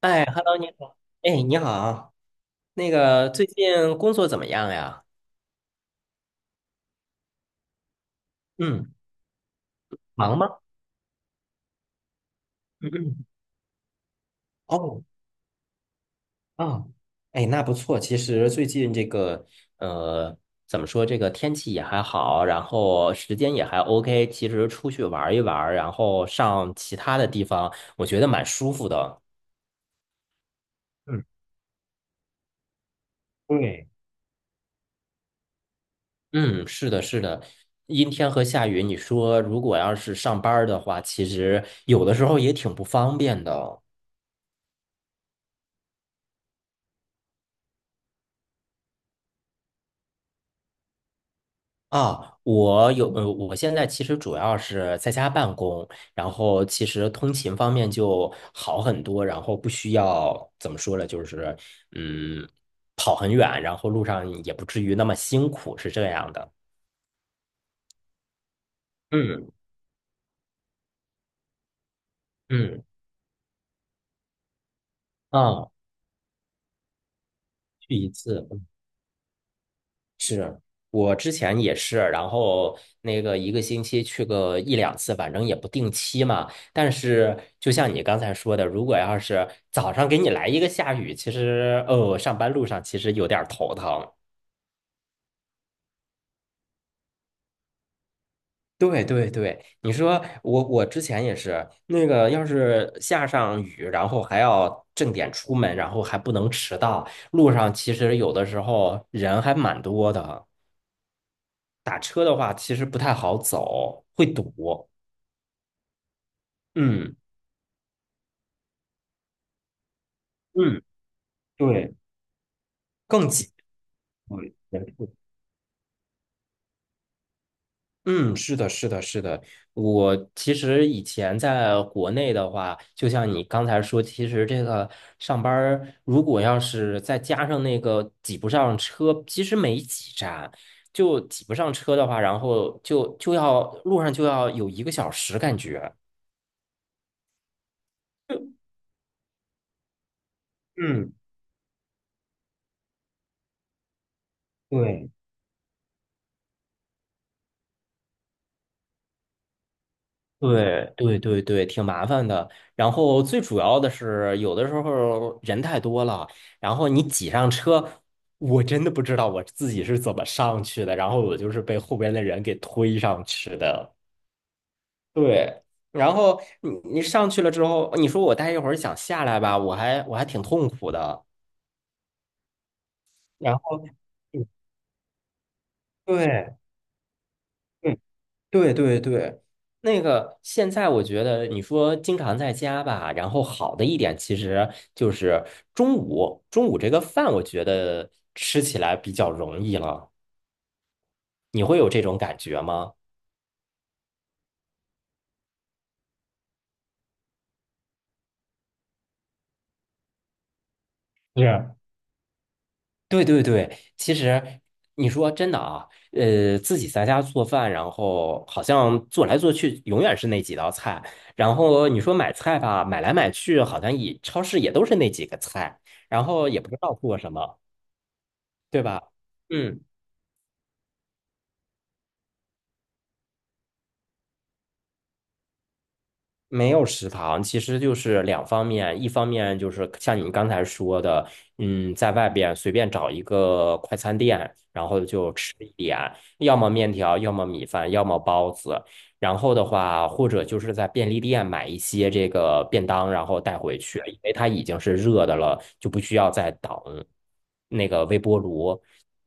哎，Hello，你好。哎，你好，那个最近工作怎么样呀？嗯，忙吗？嗯嗯。哦，啊，哎，那不错。其实最近这个，呃，怎么说，这个天气也还好，然后时间也还 OK。其实出去玩一玩，然后上其他的地方，我觉得蛮舒服的。嗯，对。嗯，是的，是的。阴天和下雨，你说如果要是上班儿的话，其实有的时候也挺不方便的。啊，我有，我现在其实主要是在家办公，然后其实通勤方面就好很多，然后不需要怎么说呢，就是嗯，跑很远，然后路上也不至于那么辛苦，是这样的。嗯嗯，啊，去一次。是我之前也是，然后那个一个星期去个一两次，反正也不定期嘛。但是就像你刚才说的，如果要是早上给你来一个下雨，其实哦，上班路上其实有点儿头疼。对对对，你说我之前也是那个，要是下上雨，然后还要正点出门，然后还不能迟到，路上其实有的时候人还蛮多的，打车的话其实不太好走，会堵。嗯。嗯，对，更挤。嗯，严肃嗯，是的，是的，是的。我其实以前在国内的话，就像你刚才说，其实这个上班儿如果要是再加上那个挤不上车，其实没几站，就挤不上车的话，然后就要路上就要有一个小时，感觉。嗯，对。对对对对，挺麻烦的。然后最主要的是，有的时候人太多了，然后你挤上车，我真的不知道我自己是怎么上去的，然后我就是被后边的人给推上去的。对，然后你上去了之后，你说我待一会儿想下来吧，我还挺痛苦的。然后，对，对嗯对对对，那个现在我觉得你说经常在家吧，然后好的一点其实就是中午这个饭我觉得吃起来比较容易了，你会有这种感觉吗？是，对对对，其实你说真的啊，自己在家做饭，然后好像做来做去永远是那几道菜，然后你说买菜吧，买来买去好像也超市也都是那几个菜，然后也不知道做什么，对吧？嗯。没有食堂，其实就是两方面，一方面就是像你刚才说的，嗯，在外边随便找一个快餐店，然后就吃一点，要么面条，要么米饭，要么包子，然后的话，或者就是在便利店买一些这个便当，然后带回去，因为它已经是热的了，就不需要再等那个微波炉。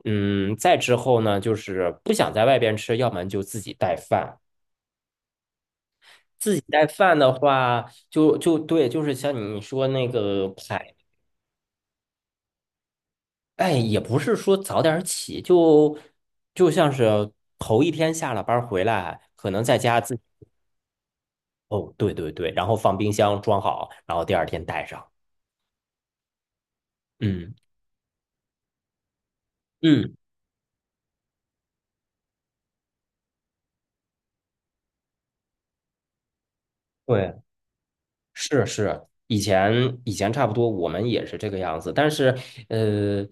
嗯，再之后呢，就是不想在外边吃，要么就自己带饭。自己带饭的话，就对，就是像你说那个排，哎，也不是说早点儿起，就就像是头一天下了班儿回来，可能在家自己哦，对对对，然后放冰箱装好，然后第二天带上。嗯嗯，对。是是，以前以前差不多，我们也是这个样子。但是，呃，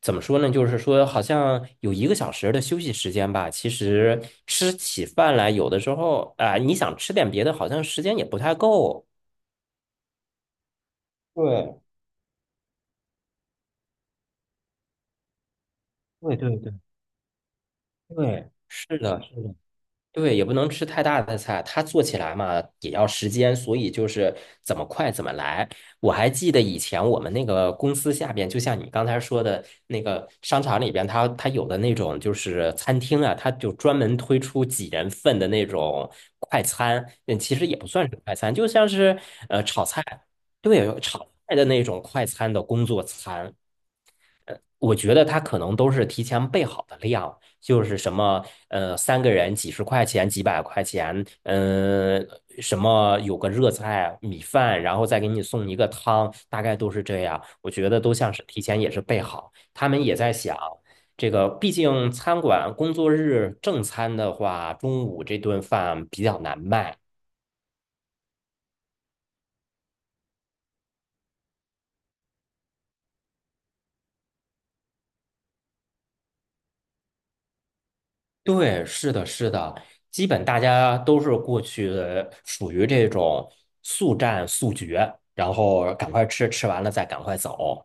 怎么说呢？就是说，好像有一个小时的休息时间吧。其实吃起饭来，有的时候啊、你想吃点别的，好像时间也不太够。对对对对对，是的，是的。对，也不能吃太大的菜，它做起来嘛也要时间，所以就是怎么快怎么来。我还记得以前我们那个公司下边，就像你刚才说的那个商场里边，它有的那种就是餐厅啊，它就专门推出几人份的那种快餐，嗯，其实也不算是快餐，就像是对炒菜的那种快餐的工作餐。呃，我觉得他可能都是提前备好的量，就是什么，3个人几十块钱、几百块钱，嗯、什么有个热菜、米饭，然后再给你送一个汤，大概都是这样。我觉得都像是提前也是备好，他们也在想，这个毕竟餐馆工作日正餐的话，中午这顿饭比较难卖，对，是的，是的，基本大家都是过去属于这种速战速决，然后赶快吃，吃完了再赶快走。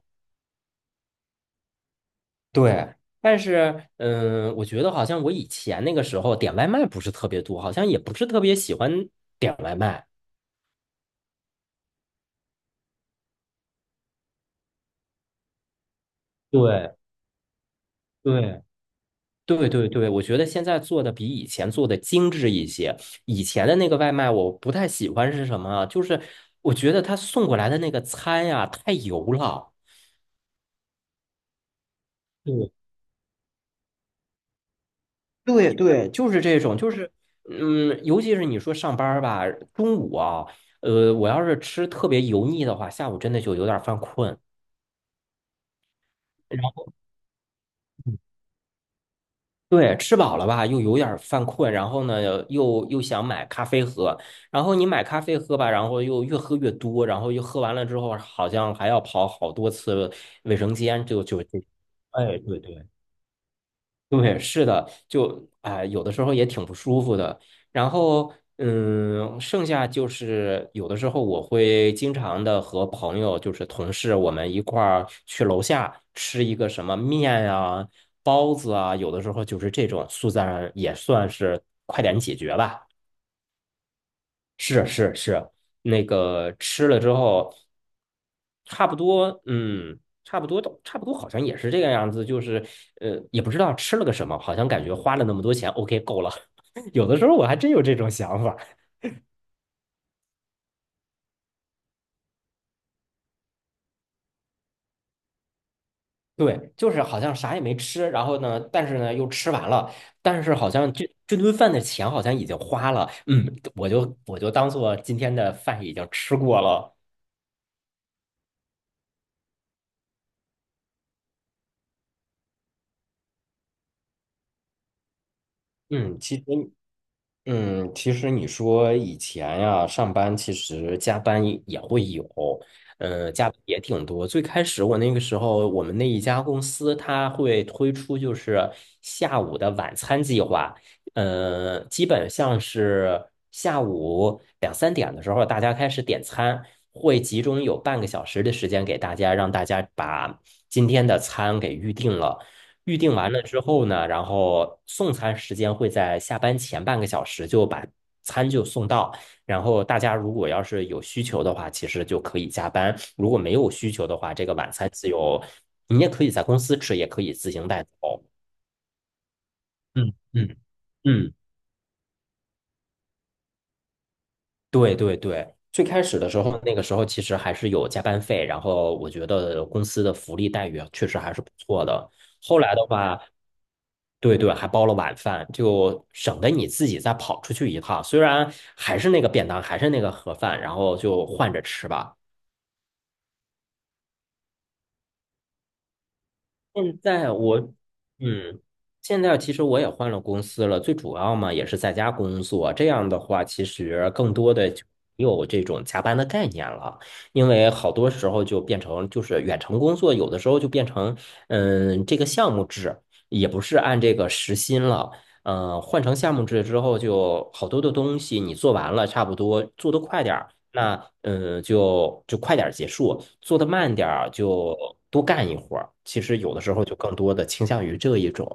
对，但是嗯，我觉得好像我以前那个时候点外卖不是特别多，好像也不是特别喜欢点外卖。对对对对对，我觉得现在做的比以前做的精致一些。以前的那个外卖我不太喜欢是什么啊就是我觉得他送过来的那个餐呀，太油了。对对对，就是这种，就是，嗯，尤其是你说上班儿吧，中午啊，我要是吃特别油腻的话，下午真的就有点儿犯困。然后，对，吃饱了吧，又有点儿犯困，然后呢，又想买咖啡喝，然后你买咖啡喝吧，然后又越喝越多，然后又喝完了之后，好像还要跑好多次卫生间，就，哎，对对对，是的，就啊、哎有的时候也挺不舒服的。然后，嗯，剩下就是有的时候我会经常的和朋友，就是同事，我们一块儿去楼下吃一个什么面啊、包子啊，有的时候就是这种速战也算是快点解决吧。是是是，那个吃了之后，差不多，嗯，差不多都差不多，好像也是这个样子，就是也不知道吃了个什么，好像感觉花了那么多钱，OK 够了。有的时候我还真有这种想法，对，就是好像啥也没吃，然后呢，但是呢又吃完了，但是好像这顿饭的钱好像已经花了，嗯，我就当做今天的饭已经吃过了，嗯，其实嗯，其实你说以前呀，上班其实加班也会有，加班也挺多。最开始我那个时候，我们那一家公司它会推出就是下午的晚餐计划，基本像是下午2 3点的时候，大家开始点餐，会集中有半个小时的时间给大家，让大家把今天的餐给预定了。预定完了之后呢，然后送餐时间会在下班前半个小时就把餐就送到。然后大家如果要是有需求的话，其实就可以加班；如果没有需求的话，这个晚餐自由，你也可以在公司吃，也可以自行带走。嗯嗯嗯。对对对，最开始的时候，那个时候其实还是有加班费，然后我觉得公司的福利待遇确实还是不错的。后来的话，对对，还包了晚饭，就省得你自己再跑出去一趟。虽然还是那个便当，还是那个盒饭，然后就换着吃吧。现在我，嗯，现在其实我也换了公司了，最主要嘛也是在家工作。这样的话，其实更多的就没有这种加班的概念了，因为好多时候就变成就是远程工作，有的时候就变成嗯这个项目制，也不是按这个时薪了。嗯，换成项目制之后，就好多的东西你做完了，差不多做得快点儿。那嗯，就快点儿结束，做的慢点儿就多干一会儿。其实有的时候就更多的倾向于这一种。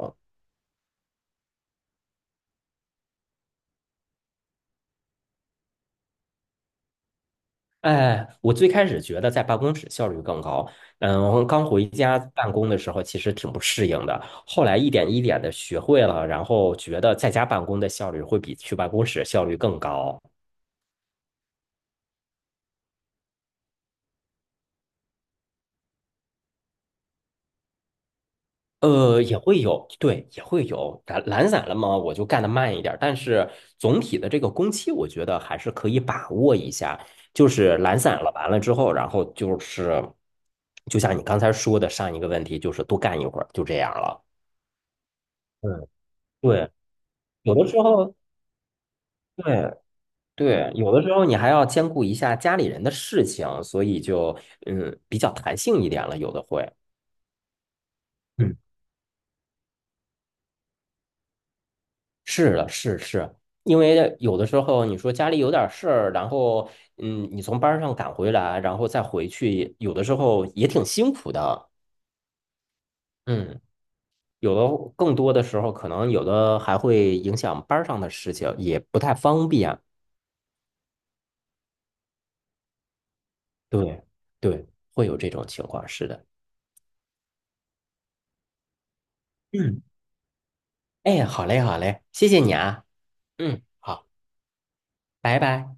哎，我最开始觉得在办公室效率更高，嗯，我刚回家办公的时候其实挺不适应的，后来一点一点的学会了，然后觉得在家办公的效率会比去办公室效率更高。也会有，对，也会有懒懒散了嘛，我就干得慢一点儿但是总体的这个工期，我觉得还是可以把握一下。就是懒散了，完了之后，然后就是，就像你刚才说的上一个问题，就是多干一会儿，就这样了。嗯，对，有的时候，对对，有的时候你还要兼顾一下家里人的事情，所以就嗯比较弹性一点了，有的会。嗯。是的，是是，因为有的时候你说家里有点事儿，然后嗯，你从班儿上赶回来，然后再回去，有的时候也挺辛苦的。嗯，有的更多的时候，可能有的还会影响班儿上的事情，也不太方便。对对，会有这种情况，是的。嗯，哎，好嘞，好嘞，谢谢你啊。嗯，好，拜拜。